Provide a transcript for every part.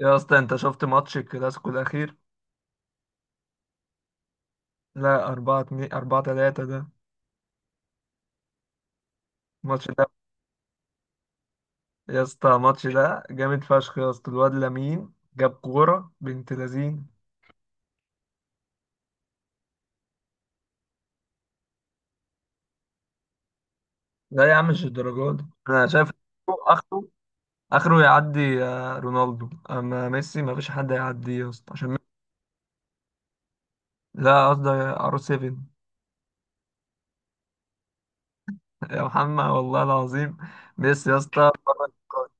يا اسطى انت شفت ماتش الكلاسيكو الاخير؟ لا، 4 2 4 3 ده. الماتش ده يا اسطى الماتش ده جامد فشخ. يا اسطى الواد لامين جاب كوره بنت لذين. لا يا عم، مش الدرجات دي انا شايف. اخره اخره يعدي رونالدو. اما ميسي، ما فيش حد هيعديه يا اسطى عشان ميسي- لا قصدي ار 7. يا محمد والله العظيم، ميسي يا اسطى بره النقاش.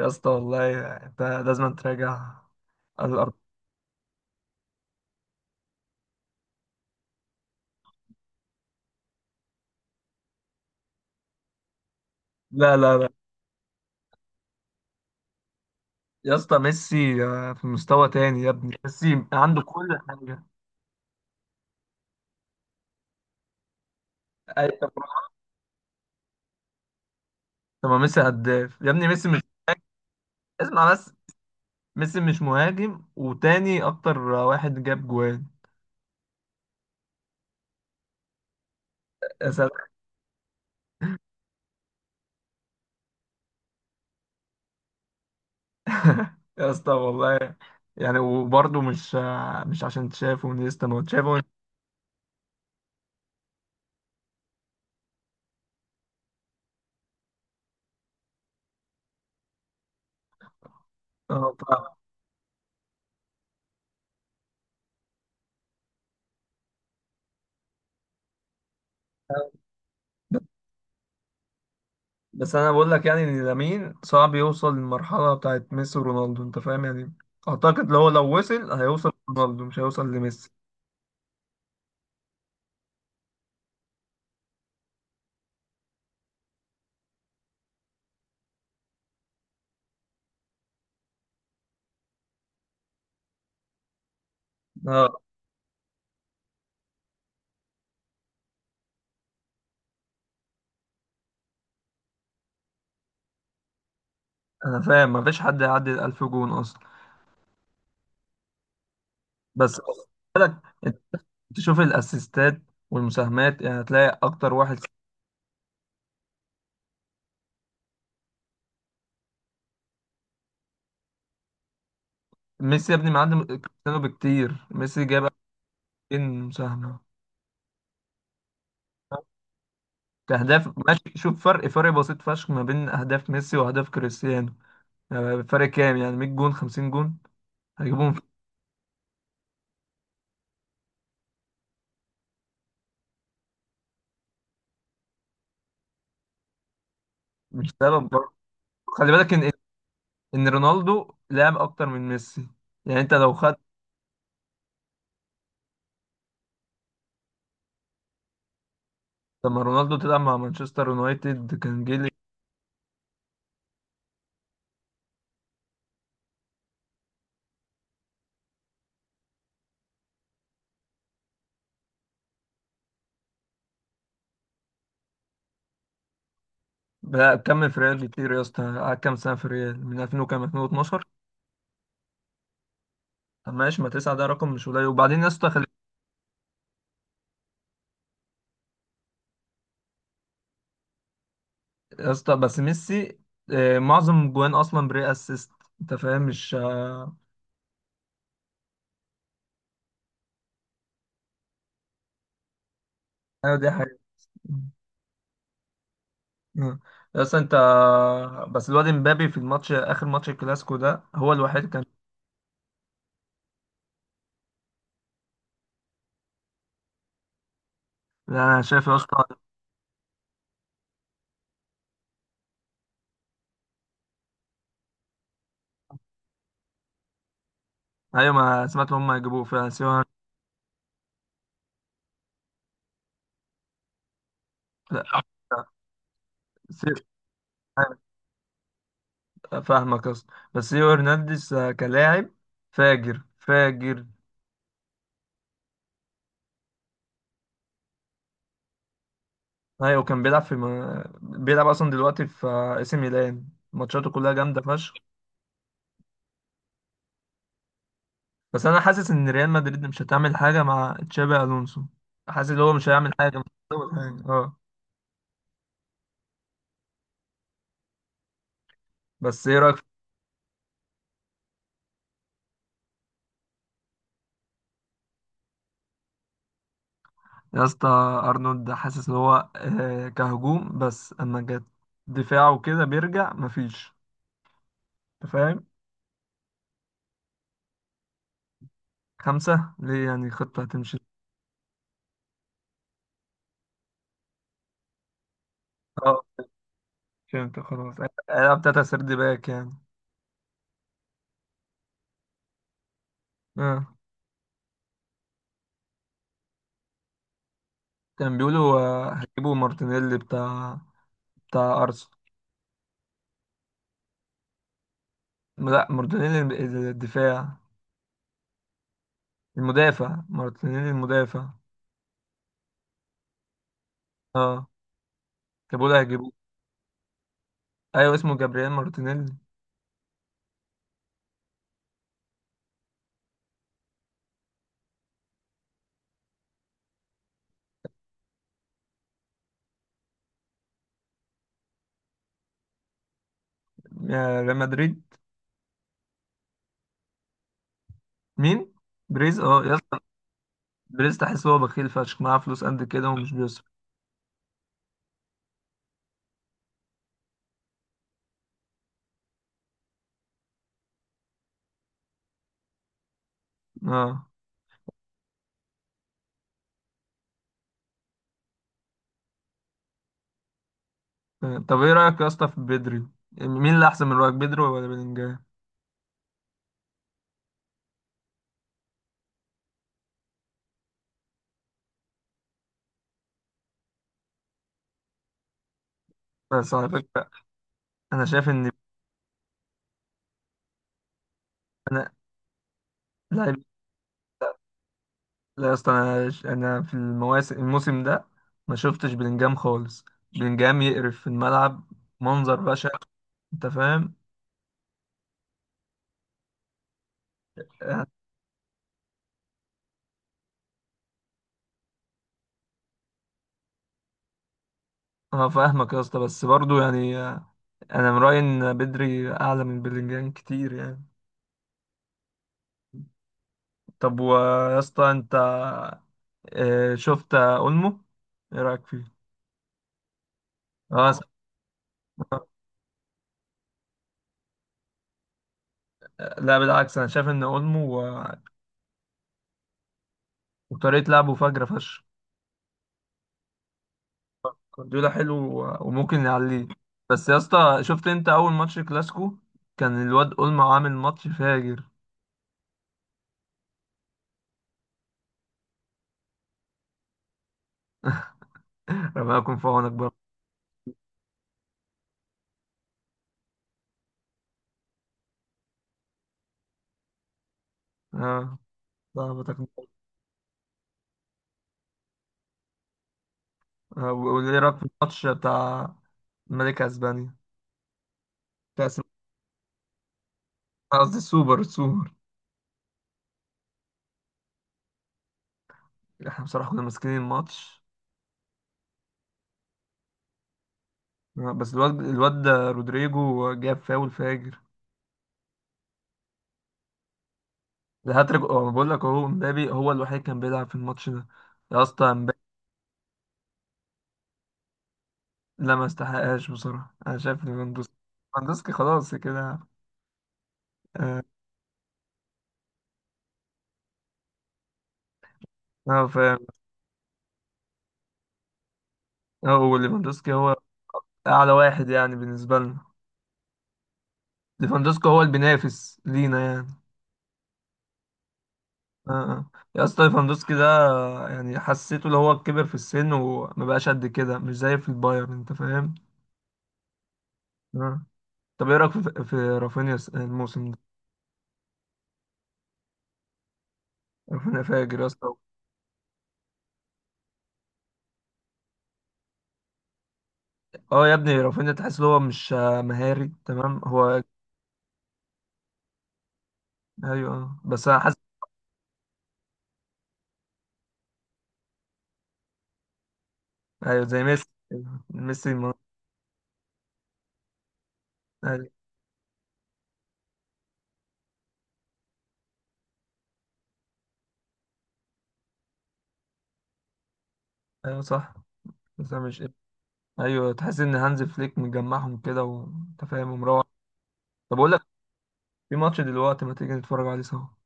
يا اسطى والله انت لازم تراجع الارض. لا لا لا. يا اسطى ميسي في مستوى تاني يا ابني، ميسي عنده كل حاجه. اي طب، ما ميسي هداف يا ابني، ميسي مش مهاجم. اسمع بس، ميسي مش مهاجم، وتاني اكتر واحد جاب جوان. يا سلام. يا اسطى والله، يعني وبرضه مش عشان تشافه ونيستا، ما هو تشافه. اه، طبعا. بس انا بقول لك يعني، ان لامين صعب يوصل للمرحله بتاعت ميسي ورونالدو، انت فاهم يعني. اعتقد لو وصل هيوصل لرونالدو، مش هيوصل لميسي. آه. انا فاهم مفيش حد يعدي ال 1000 جون اصلا. بس انت تشوف الاسيستات والمساهمات، يعني هتلاقي اكتر واحد. ميسي يا ابني معدي كريستيانو بكتير. ميسي جاب 2000 مساهمة. كأهداف ماشي، شوف فرق بسيط فشخ ما بين أهداف ميسي وأهداف كريستيانو. يعني فرق كام، يعني 100 جون، 50 جون هيجيبهم في- مش سبب برضه. خلي بالك إن رونالدو لعب أكتر من ميسي. يعني أنت لو خدت. لما رونالدو تلعب مع مانشستر يونايتد كان جيل. لا، كمل في ريال كتير يا اسطى. قعد كام سنه في ريال، من 2000 وكام، 2012؟ طب ماشي، ما تسعه ده رقم مش قليل. وبعدين يا اسطى، خلي... يا اسطى بس ميسي معظم جوان اصلا بري اسيست. انت فاهم، مش ايوه دي حاجه. آه. يا اسطى انت. بس الواد امبابي في الماتش، اخر ماتش الكلاسيكو ده هو الوحيد كان. لا، انا شايف يا اسطى. ايوه ما سمعت، هم هيجيبوه فعلا سيو. لا، سيو- فاهمك يا اسطى، بس سيو هرنانديز كلاعب فاجر فاجر. ايوه كان بيلعب في م... بيلعب اصلا دلوقتي في اي سي ميلان. ماتشاته كلها جامده فشخ. بس انا حاسس ان ريال مدريد مش هتعمل حاجه مع تشابي الونسو. حاسس ان هو مش هيعمل حاجه، اه. بس ايه رايك يا اسطى؟ ارنولد حاسس ان هو كهجوم بس، اما جت دفاعه كده بيرجع مفيش. انت فاهم. خمسه ليه؟ يعني خطه هتمشي. اه، فهمت خلاص. العب تلاته سيرد باك يعني. اه كان بيقولوا هيجيبوا مارتينيلي بتاع ارسنال. لا، مارتينيلي الم- الدفاع، المدافع مارتينيلي المدافع. اه جابوا له، هيجيبوه. ايوه اسمه جابرييل مارتينيلي. يا ريال مدريد. مين؟ بريز، اه يا اسطى. بريز تحس هو بخيل فشخ، معاه فلوس قد كده ومش بيصرف. اه. آه. طب ايه رايك يا اسطى في بدري؟ مين اللي احسن من رايك، بدري ولا بلينجهام؟ بس على فكره، انا شايف ان انا لاعب. لا يا اسطى، انا في الموسم ده ما شفتش بلينجهام خالص. بلينجهام يقرف في الملعب، منظر بشع. انت فاهم. انا فاهمك يا اسطى، بس برضو يعني، انا من رايي ان بدري اعلى من بلينجهام كتير يعني. طب ويا اسطى انت شفت اولمو؟ ايه رايك فيه؟ اه س- لا بالعكس، انا شايف ان اولمو وطريقه لعبه فجره فشخ. جوارديولا حلو، و- وممكن يعليه. بس يا اسطى، شفت انت اول ماتش كلاسيكو كان الواد اولمو عامل ماتش فاجر. ربنا يكون في عونك برضه. اه، فاهمك. وايه رايك في الماتش بتاع ملك اسبانيا، كاس؟ أنا قصدي السوبر، السوبر. احنا بصراحة كنا ماسكين الماتش. بس الواد ده رودريجو جاب فاول فاجر. الهاتريك، اه أنا بقول لك اهو امبابي هو الوحيد كان بيلعب في الماتش ده. يا اسطى امبابي. لا، ما استحقهاش بصراحة، انا شايف ليفاندوسكي. ليفاندوسكي خلاص كده. اه، فاهم. هو ليفاندوسكي هو اعلى واحد يعني بالنسبة لنا. ليفاندوسكي هو اللي بينافس لينا يعني. اه. آه. يا اسطى، ليفاندوسكي ده يعني حسيته اللي هو كبر في السن وما بقاش قد كده، مش زي في البايرن. انت فاهم. آه. طب ايه رايك في رافينيا الموسم ده؟ رافينيا فاجر يا اسطى. اه يا ابني، رافينيا تحس ان هو مش مهاري تمام هو. ايوه، اه. بس انا حاسس. ايوه زي ميسي. ميسي ما... ايوه. أيوة صح. بس انا مش. ايوه، تحس ان هانز فليك مجمعهم كده وانت فاهم، ومروح. طب اقول لك، في ماتش دلوقتي، ما تيجي نتفرج عليه سوا؟